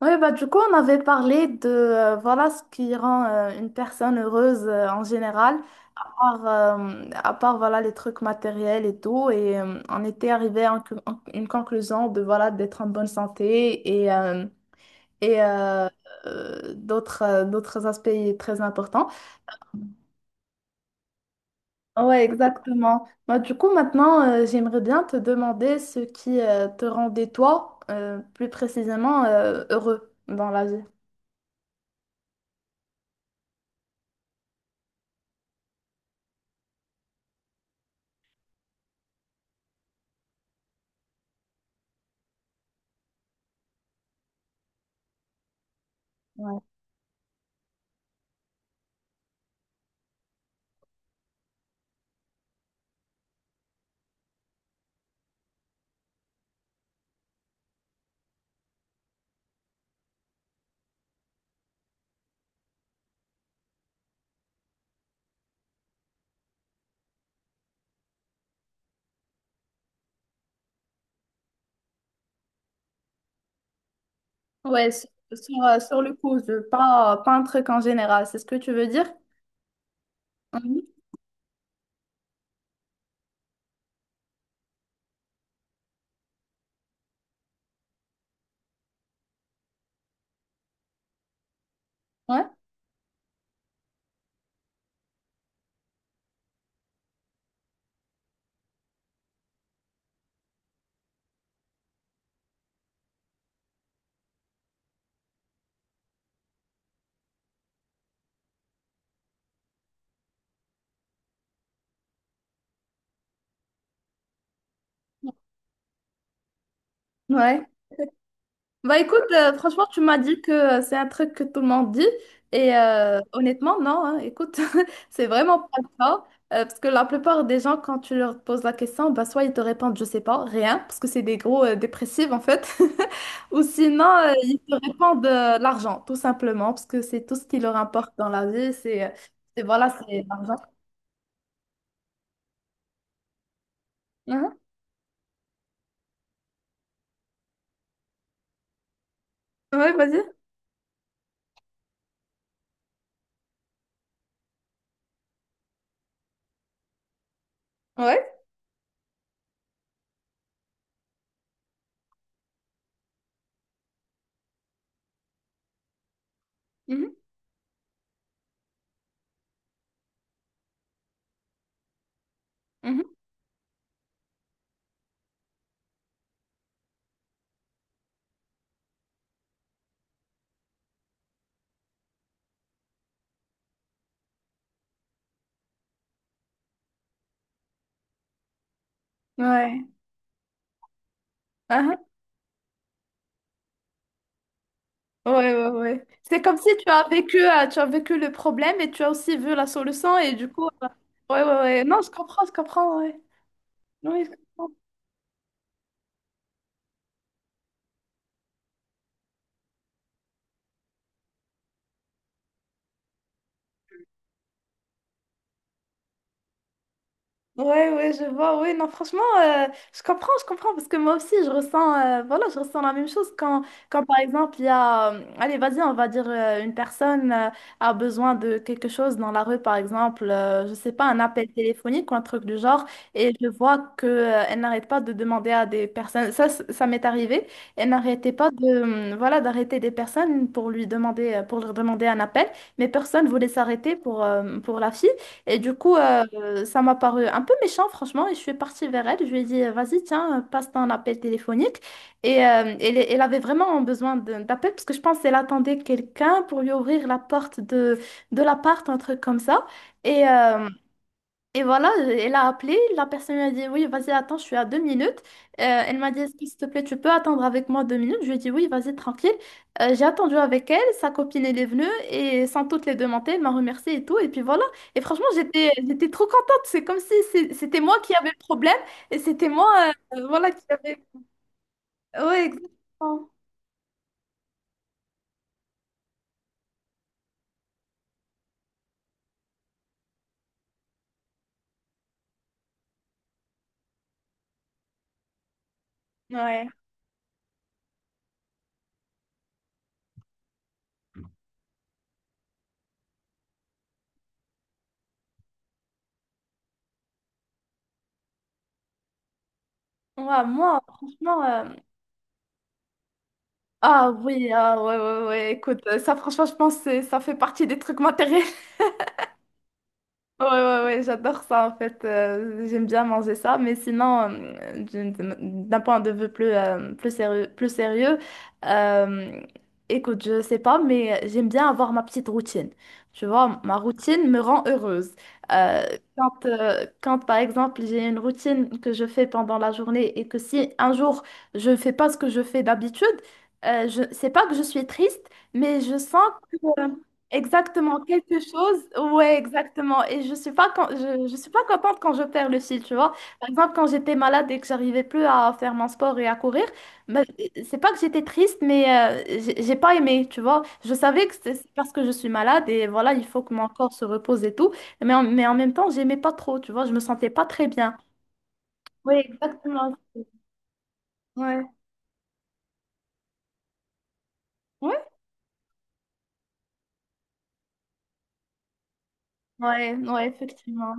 Oui, bah, du coup, on avait parlé de voilà ce qui rend une personne heureuse en général, à part, à part voilà, les trucs matériels et tout. Et on était arrivé à une conclusion de voilà d'être en bonne santé et d'autres d'autres aspects très importants. Ouais, exactement. Bah, du coup, maintenant, j'aimerais bien te demander ce qui te rendait toi plus précisément heureux dans la vie. Ouais. Ouais, sur, sur le coup, je pas, pas un truc en général, c'est ce que tu veux dire? Mhm. Ouais. Ouais. Bah écoute, franchement, tu m'as dit que c'est un truc que tout le monde dit. Et honnêtement, non, hein, écoute, c'est vraiment pas le cas. Parce que la plupart des gens, quand tu leur poses la question, bah, soit ils te répondent, je sais pas, rien, parce que c'est des gros dépressifs en fait. Ou sinon, ils te répondent l'argent, tout simplement, parce que c'est tout ce qui leur importe dans la vie. C'est voilà, c'est l'argent. Mhm. Ouais, vas-y. Ouais. Mhm, mhm. Ouais. Ah, ah. Ouais, ouais, ouais. C'est comme si tu as vécu, tu as vécu le problème et tu as aussi vu la solution et du coup, ouais, ouais, ouais. Non, je comprends, ouais. Oui, je comprends. Ouais, ouais, je vois, ouais, non, franchement, je comprends, parce que moi aussi, je ressens, voilà, je ressens la même chose quand par exemple, il y a, allez, vas-y, on va dire, une personne a besoin de quelque chose dans la rue, par exemple, je sais pas, un appel téléphonique ou un truc du genre, et je vois que, elle n'arrête pas de demander à des personnes, ça, ça m'est arrivé, elle n'arrêtait pas de, voilà, d'arrêter des personnes pour lui demander, pour leur demander un appel, mais personne voulait s'arrêter pour la fille. Et du coup, ça m'a paru un peu méchant, franchement, et je suis partie vers elle. Je lui ai dit, vas-y, tiens, passe ton appel téléphonique. Et elle, elle avait vraiment besoin d'appel parce que je pense qu'elle attendait quelqu'un pour lui ouvrir la porte de l'appart, un truc comme ça. Et, voilà, elle a appelé, la personne lui a dit, oui, vas-y, attends, je suis à deux minutes. Elle m'a dit, est-ce que, s'il te plaît, tu peux attendre avec moi deux minutes? Je lui ai dit, oui, vas-y, tranquille. J'ai attendu avec elle, sa copine, elle est venue, et sans toutes les demander, elle m'a remerciée et tout. Et puis voilà, et franchement, j'étais trop contente. C'est comme si c'est- c'était moi qui avais le problème, et c'était moi, voilà, qui avait... Ouais, exactement. Ouais. Ouais, moi, franchement... Ah oui, ah ouais, ouais, ouais, écoute, ça franchement, je pense que ça fait partie des trucs matériels. Ouais, ouais, ouais, j'adore ça en fait. J'aime bien manger ça. Mais sinon, d'un point de vue plus, plus sérieux euh, écoute, je sais pas, mais j'aime bien avoir ma petite routine. Tu vois, ma routine me rend heureuse. Euh, quand par exemple, j'ai une routine que je fais pendant la journée et que si un jour je ne fais pas ce que je fais d'habitude, je sais pas que je suis triste, mais je sens. Exactement, quelque chose, ouais, exactement. Et je suis pas, je suis pas contente quand je perds le fil, tu vois. Par exemple, quand j'étais malade et que j'arrivais plus à faire mon sport et à courir, bah, c'est pas que j'étais triste, mais j'ai pas aimé, tu vois. Je savais que c'est parce que je suis malade et voilà, il faut que mon corps se repose et tout. Mais en même temps, j'aimais pas trop, tu vois. Je me sentais pas très bien. Oui, exactement. Ouais, ouais, ouais, ouais, effectivement.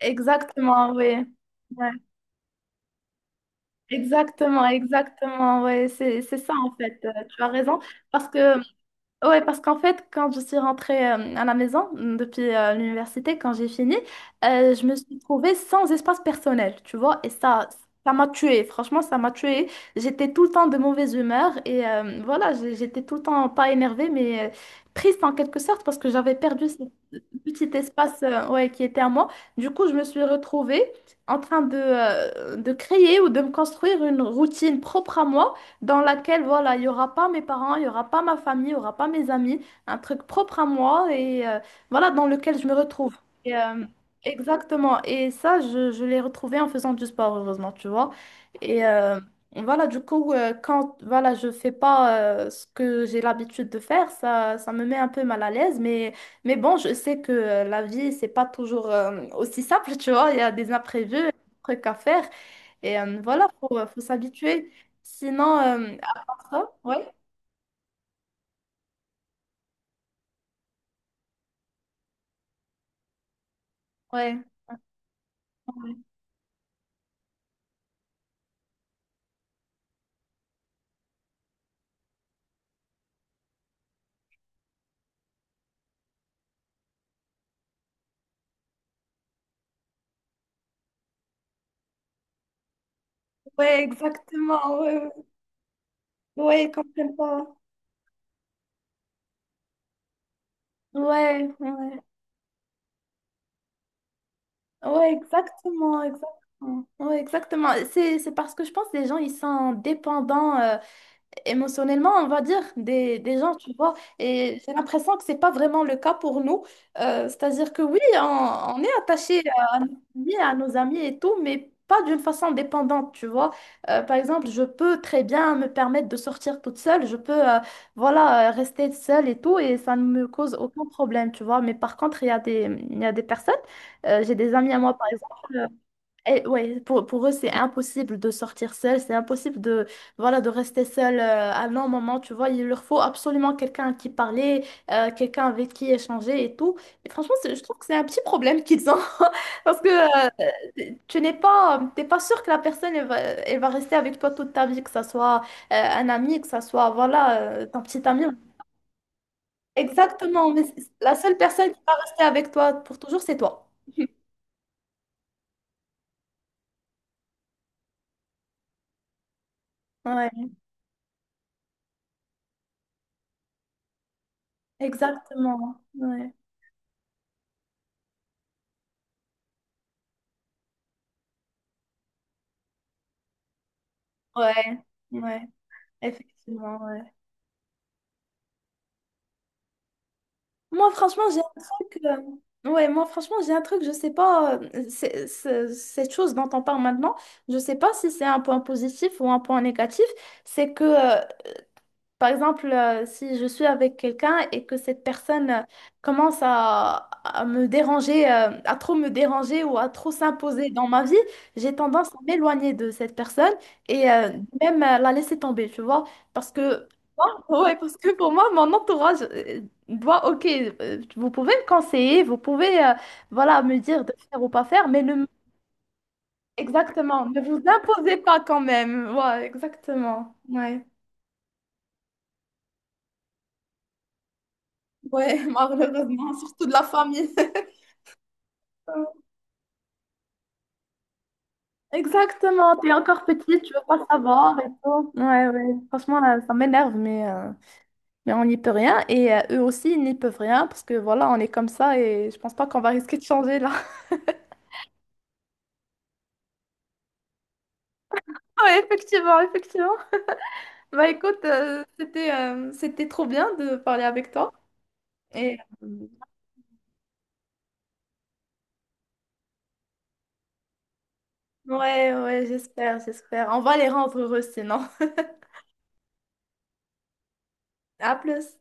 Exactement, oui. Ouais. Exactement, exactement, ouais, c'est ça en fait, tu as raison, parce que ouais, parce qu'en fait, quand je suis rentrée à la maison depuis l'université, quand j'ai fini, je me suis trouvée sans espace personnel, tu vois, et ça m'a tuée. Franchement, ça m'a tuée. J'étais tout le temps de mauvaise humeur et voilà, j'étais tout le temps pas énervée, mais triste en quelque sorte parce que j'avais perdu ce petit espace ouais, qui était à moi. Du coup, je me suis retrouvée en train de créer ou de me construire une routine propre à moi dans laquelle, voilà, il n'y aura pas mes parents, il n'y aura pas ma famille, il n'y aura pas mes amis, un truc propre à moi et voilà, dans lequel je me retrouve. Et, euh, Exactement. Et ça, je l'ai retrouvé en faisant du sport, heureusement, tu vois. Et voilà, du coup, quand voilà, je fais pas ce que j'ai l'habitude de faire, ça me met un peu mal à l'aise, mais. Mais bon, je sais que la vie, c'est pas toujours aussi simple, tu vois. Il y a des imprévus, des trucs à faire. Et voilà, faut, faut s'habituer. Sinon, à part ça, ouais, ouais, ouais, exactement, ouais, ouais, ouais, ils comprennent pas. Ouais, ouais, ouais, exactement, exactement. Ouais, exactement. C'est parce que je pense que les gens, ils sont dépendants émotionnellement, on va dire, des gens, tu vois. Et j'ai l'impression que c'est pas vraiment le cas pour nous. C'est-à-dire que oui, on est attaché à, à nos à nos amis et tout, mais pas d'une façon dépendante, tu vois. Par exemple, je peux très bien me permettre de sortir toute seule, je peux, voilà, rester seule et tout, et ça ne me cause aucun problème, tu vois. Mais par contre, il y a des personnes, j'ai des amis à moi, par exemple. Et ouais, pour eux, c'est impossible de sortir seul, c'est impossible de, voilà, de rester seul à un long moment, tu vois. Il leur faut absolument quelqu'un à qui parler, quelqu'un avec qui échanger et tout. Et franchement, je trouve que c'est un petit problème qu'ils ont parce que tu n'es pas, t'es pas sûr que la personne, elle va rester avec toi toute ta vie, que ça soit un ami, que ça soit, voilà, ton petit ami. Exactement, mais la seule personne qui va rester avec toi pour toujours, c'est toi. Ouais, exactement. Ouais, ouais. Ouais. Effectivement, ouais. Moi, franchement, j'ai un truc. Ouais, moi, franchement, j'ai un truc, je sais pas. Cette chose dont on parle maintenant, je sais pas si c'est un point positif ou un point négatif. C'est que par exemple, si je suis avec quelqu'un et que cette personne commence à me déranger, à trop me déranger ou à trop s'imposer dans ma vie, j'ai tendance à m'éloigner de cette personne et même la laisser tomber, tu vois. Parce que, oh, ouais, parce que pour moi, mon entourage doit, ok, vous pouvez me conseiller, vous pouvez, voilà, me dire de faire ou pas faire, mais ne, m- exactement, ne vous imposez pas quand même. Ouais, exactement. Ouais. Ouais, malheureusement, surtout de la famille. Exactement, t'es encore petite, tu veux pas savoir et tout. Ouais, ouais, franchement, là, ça m'énerve, mais on n'y peut rien. Et eux aussi, ils n'y peuvent rien parce que voilà, on est comme ça et je pense pas qu'on va risquer de changer là. Ouais, effectivement, effectivement. Bah écoute, c'était trop bien de parler avec toi. Et euh, ouais, ouais, j'espère, j'espère. On va les rendre heureux sinon. À plus.